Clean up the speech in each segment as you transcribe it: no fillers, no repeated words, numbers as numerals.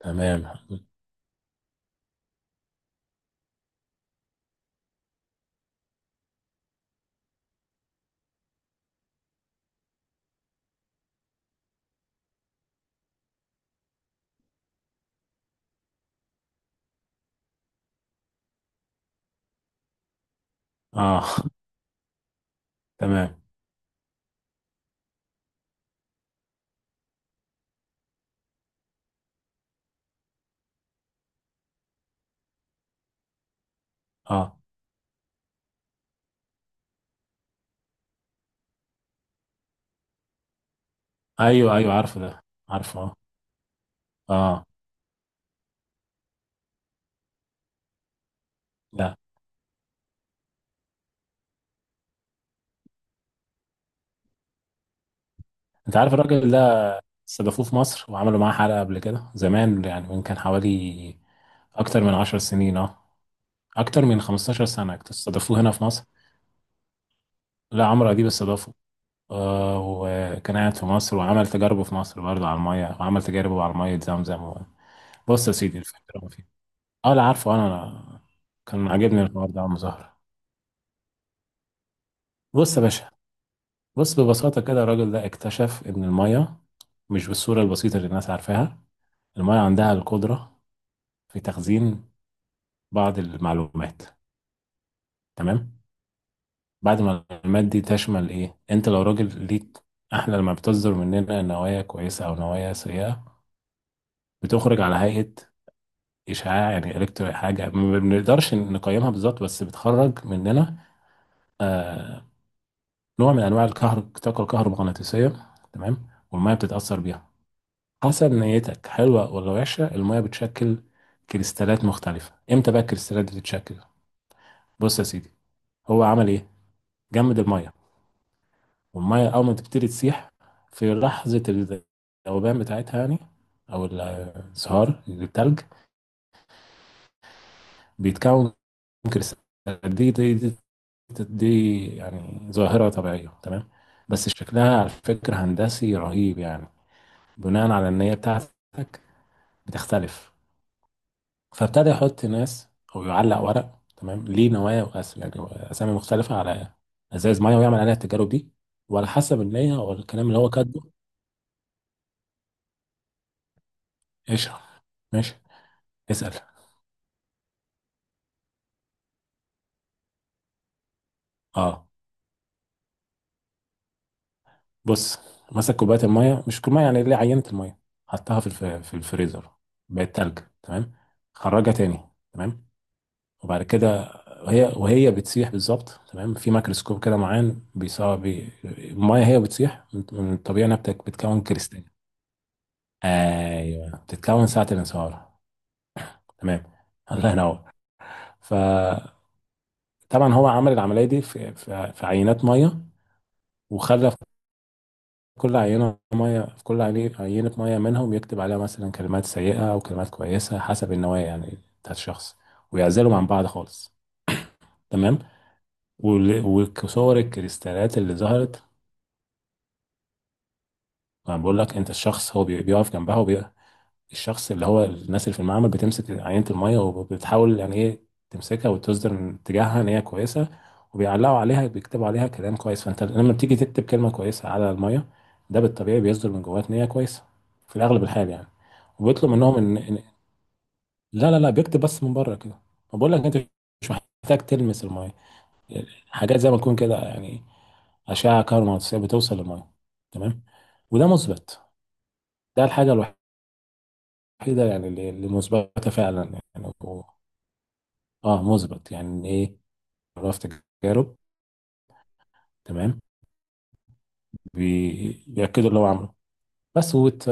تمام. اه. تمام. اه. ايوه، ايوه، عارفه ده. عارفه، اه. اه. لا. انت عارف الراجل ده؟ استضافوه في مصر وعملوا معاه حلقة قبل كده زمان، يعني من كان حوالي اكتر من 10 سنين. اه، اكتر من 15 سنة استضافوه هنا في مصر. لا، عمرو اديب استضافه. آه، وكان قاعد في مصر وعمل تجاربه في مصر برضه على المية، وعمل تجاربه على مية زمزم و... بص يا سيدي، الفكرة ما فيه. اه، لا، عارفه انا. أنا كان عاجبني الحوار ده يا عم زهر. بص يا باشا. بص، ببساطة كده، الراجل ده اكتشف إن المية مش بالصورة البسيطة اللي الناس عارفاها. المية عندها القدرة في تخزين بعض المعلومات. تمام. بعد ما المعلومات دي تشمل إيه، أنت لو راجل ليك، إحنا لما بتصدر مننا نوايا كويسة أو نوايا سيئة، بتخرج على هيئة إشعاع، يعني إلكترو حاجة ما بنقدرش نقيمها بالظبط، بس بتخرج مننا. آه. نوع من أنواع الطاقة الكهرومغناطيسية. تمام، والمية بتتأثر بيها حسب نيتك، حلوة ولا وحشة، المية بتشكل كريستالات مختلفة. امتى بقى الكريستالات دي تتشكل؟ بص يا سيدي، هو عمل ايه؟ جمد المية، والمية اول ما تبتدي تسيح في لحظة الذوبان بتاعتها، يعني او الانصهار، التلج بيتكون كريستالات دي يعني ظاهرة طبيعية. تمام، بس شكلها على فكرة هندسي رهيب، يعني بناء على النية بتاعتك بتختلف. فابتدى يحط ناس او يعلق ورق، تمام، ليه نوايا واسم، يعني اسامي مختلفه على ازايز ميه ويعمل عليها التجارب دي، وعلى حسب النيه او الكلام اللي هو كاتبه. اشرب. ماشي. اسال. اه. بص، مسك كوبايه الميه، مش كوبايه يعني اللي عينه الميه، حطها في الفريزر. بقت تلج. تمام، خرجها تاني. تمام. وبعد كده هي، وهي بتسيح بالظبط، تمام، في ميكروسكوب كده معين الميه هي بتسيح من الطبيعه انها بتكون كريستال. ايوه، بتتكون ساعة الانصهار. تمام. الله ينور. فطبعا، هو عمل العملية دي في عينات مية، وخلى في كل عينة مية، في كل عينة مية منهم يكتب عليها مثلا كلمات سيئة أو كلمات كويسة حسب النوايا، يعني بتاعت الشخص، ويعزلهم عن بعض خالص. تمام، وال- وصور الكريستالات اللي ظهرت. ما بقول لك أنت الشخص، هو بيقف جنبها. الشخص اللي هو الناس اللي في المعمل بتمسك عينة المية وبتحاول، يعني ايه، تمسكها وتصدر من اتجاهها ان هي كويسة، وبيعلقوا عليها بيكتبوا عليها كلام كويس. فانت لما بتيجي تكتب كلمة كويسة على المية، ده بالطبيعي بيصدر من جواك ان هي كويسة، في الأغلب الحال يعني. وبيطلب منهم لا، لا، لا، بيكتب بس من بره كده. بقول لك انت مش محتاج تلمس المية، حاجات زي ما تكون كده، يعني أشعة كهرومغناطيسية بتوصل للمية. تمام، وده مثبت. ده الحاجة الوحيدة يعني اللي مثبتة فعلا يعني. اه، مثبت يعني ايه؟ عرف تجارب، تمام، بيأكدوا اللي هو عمله، بس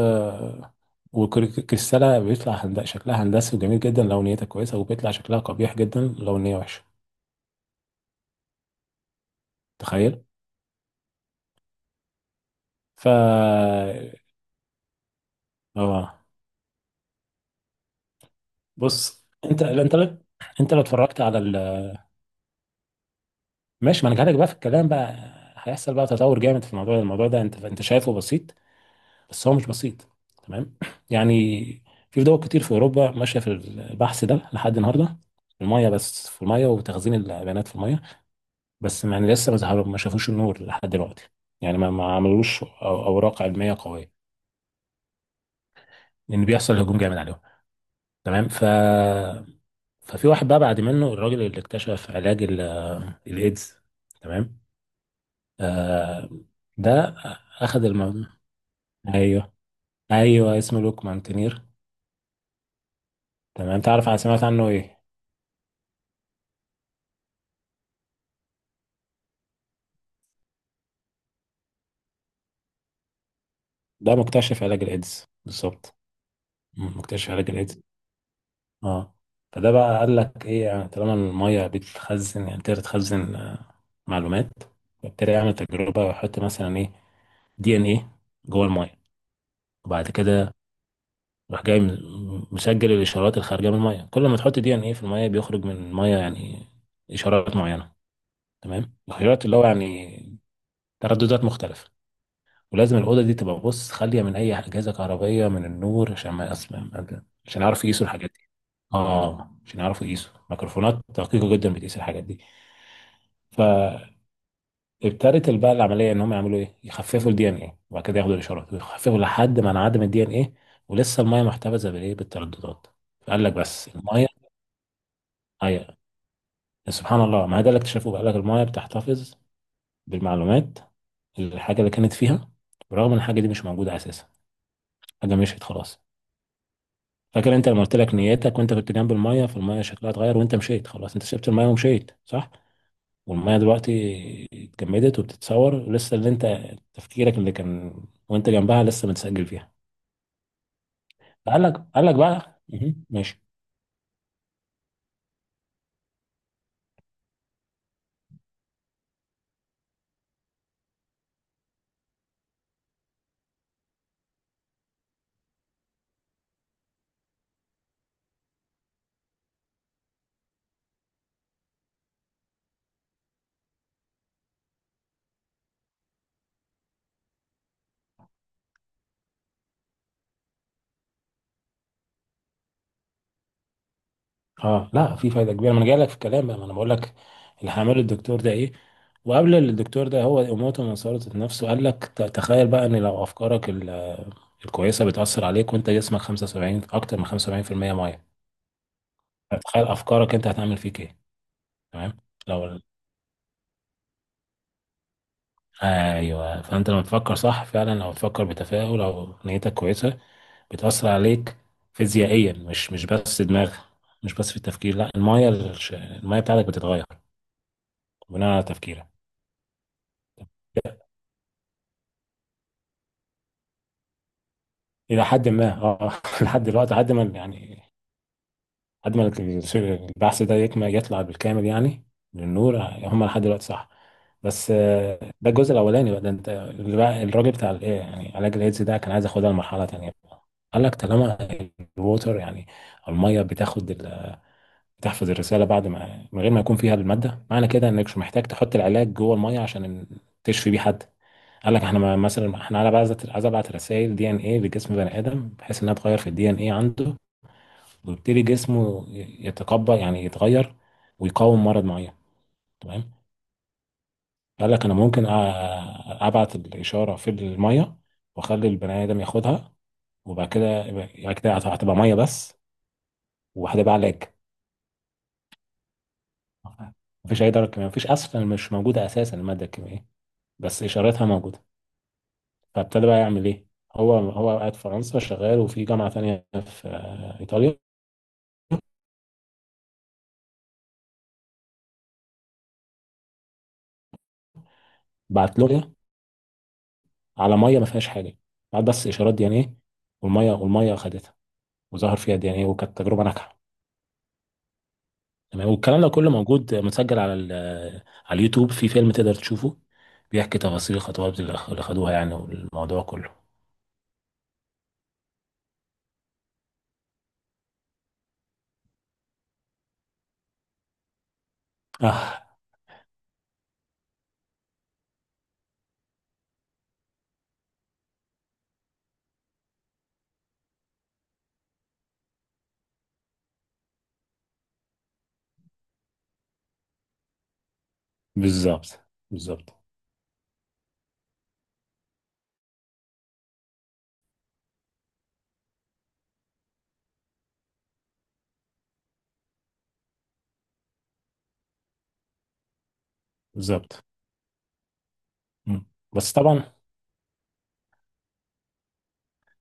والكريستالة بيطلع شكلها هندسي وجميل جدا لو نيتها كويسة، وبيطلع شكلها قبيح جدا لو النية وحشة. تخيل. ف اه بص، انت لو اتفرجت على ماشي، ما انا جالك بقى في الكلام بقى، هيحصل بقى تطور جامد في الموضوع ده، انت شايفه بسيط، بس هو مش بسيط. تمام. يعني في دول كتير في اوروبا ماشيه في البحث ده لحد النهارده، في الميه، بس في الميه وتخزين البيانات في الميه. بس يعني لسه ما ظهروا ما شافوش النور لحد دلوقتي، يعني ما عملوش اوراق علميه قويه، لان بيحصل هجوم جامد عليهم. تمام. ففي واحد بقى بعد منه، الراجل اللي اكتشف علاج الايدز. تمام. آه. ده اخذ الموضوع. ايوه، ايوه، اسمه لوك مانتينير. تمام، تعرف سمعت عنه ايه؟ ده مكتشف علاج الايدز بالظبط. مم، مكتشف علاج الايدز. اه. فده بقى قال لك ايه، يعني طالما الميه بتخزن، يعني تقدر تخزن، آه، معلومات. فابتدى يعمل تجربه ويحط مثلا ايه، دي ان ايه، جوه الميه، وبعد كده راح جاي مسجل الاشارات الخارجه من الميه. كل ما تحط دي ان ايه في الميه، بيخرج من الميه يعني اشارات معينه، تمام، الاشارات اللي هو يعني ترددات مختلفه. ولازم الأوضة دي تبقى، بص، خالية من أي أجهزة كهربائية من النور عشان ما أسمع، عشان يعرفوا يقيسوا الحاجات دي. اه، عشان يعرفوا يقيسوا، ميكروفونات دقيقة جدا بتقيس الحاجات دي. فابتدت بقى العملية إن هم يعملوا إيه، يخففوا الدي إن إيه، وبعد كده ياخدوا الإشارات ويخففوا لحد ما انعدم الدي إن إيه، ولسه المية محتفظة بالإيه، بالترددات. فقال لك بس المية، أيوة سبحان الله، ما هو ده اللي اكتشفوه بقى. قال لك المية بتحتفظ بالمعلومات، الحاجة اللي كانت فيها، برغم إن الحاجة دي مش موجودة أساسا، حاجة مشيت خلاص. فاكر انت لما قلت لك نيتك وانت كنت جنب المايه، فالمايه شكلها اتغير، وانت مشيت خلاص، انت سبت المايه ومشيت صح، والمايه دلوقتي اتجمدت، وبتتصور لسه اللي انت، تفكيرك اللي كان وانت جنبها، لسه متسجل فيها. قال لك بقى مهم. ماشي. اه، لا في فايده كبيره، ما انا جاي لك في الكلام بقى، ما انا بقول لك اللي هعمله الدكتور ده ايه. وقبل الدكتور ده هو اموته من سلطة نفسه، قال لك تخيل بقى، ان لو افكارك الكويسه بتاثر عليك وانت جسمك 75، اكتر من 75% ميه، تخيل افكارك انت هتعمل فيك ايه. تمام. لو ال- ايوه، فانت لما تفكر صح، فعلا لو تفكر بتفاؤل او نيتك كويسه بتاثر عليك فيزيائيا، مش بس دماغ، مش بس في التفكير، لا، المايه بتاعتك بتتغير بناء على تفكيرك، الى حد ما، اه. لحد دلوقتي، لحد ما يعني، لحد ما البحث ده يكمل يطلع بالكامل يعني للنور. هم لحد دلوقتي صح. بس آه، ده الجزء الاولاني بقى. ده انت اللي بقى، الراجل بتاع الايه، يعني علاج الايدز ده، كان عايز ياخدها لمرحله تانيه بقى. قال لك طالما الووتر، يعني الميه، بتاخد بتحفظ الرساله بعد ما، من غير ما يكون فيها الماده، معنى كده انك مش محتاج تحط العلاج جوه الميه عشان تشفي بيه حد. قال لك احنا مثلا احنا عايز ابعت رسائل دي ان ايه لجسم بني ادم، بحيث انها تغير في الدي ان ايه عنده، ويبتدي جسمه يتقبل يعني يتغير ويقاوم مرض معين. تمام. قال لك انا ممكن ابعت الاشاره في الميه، واخلي البني ادم ياخدها، وبعد كده يعني كده هتبقى ميه بس، وهتبقى علاج. مفيش اي درجه كيميائيه، مفيش اصلا، مش موجوده اساسا الماده الكيميائيه، بس اشارتها موجوده. فابتدى بقى يعمل ايه. هو قاعد في فرنسا شغال، وفي جامعه تانية في آه، ايطاليا، بعت له على ميه ما فيهاش حاجه، بعت بس اشارات دي يعني ايه، والميه خدتها، وظهر فيها دي يعني، وكانت تجربة ناجحة. تمام، والكلام ده كله موجود متسجل على اليوتيوب في فيلم تقدر تشوفه، بيحكي تفاصيل الخطوات اللي خدوها يعني، والموضوع كله. اه، بالظبط، بالظبط، بالظبط. مم. بس طبعا،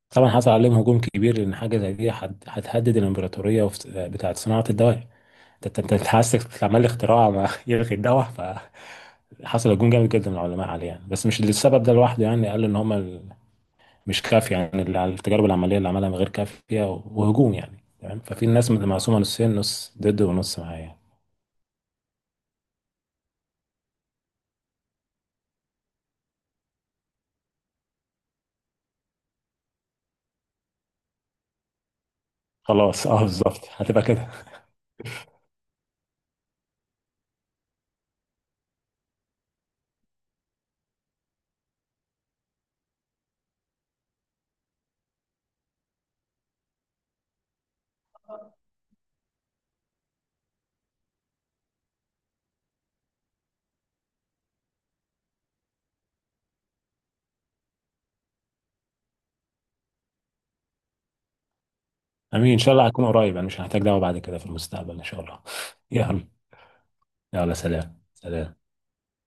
طبعا حصل عليهم هجوم كبير، لان حاجه زي دي هتهدد الامبراطوريه، بتاعه صناعه الدواء. انت حاسس عمال اختراع ما يلغي الدواء. فحصل هجوم جامد جدا من العلماء عليه يعني، بس مش للسبب ده لوحده يعني، قالوا ان هم مش كافية، يعني التجارب العملية اللي عملها غير كافية و- وهجوم يعني، تمام. ففي الناس مقسومة نصين، نص ضد ونص معايا يعني. خلاص. اه، بالظبط، هتبقى كده. امين ان شاء الله، هكون قريب، انا مش هحتاج دعوة بعد كده في المستقبل ان شاء الله. يلا. يلا سلام سلام.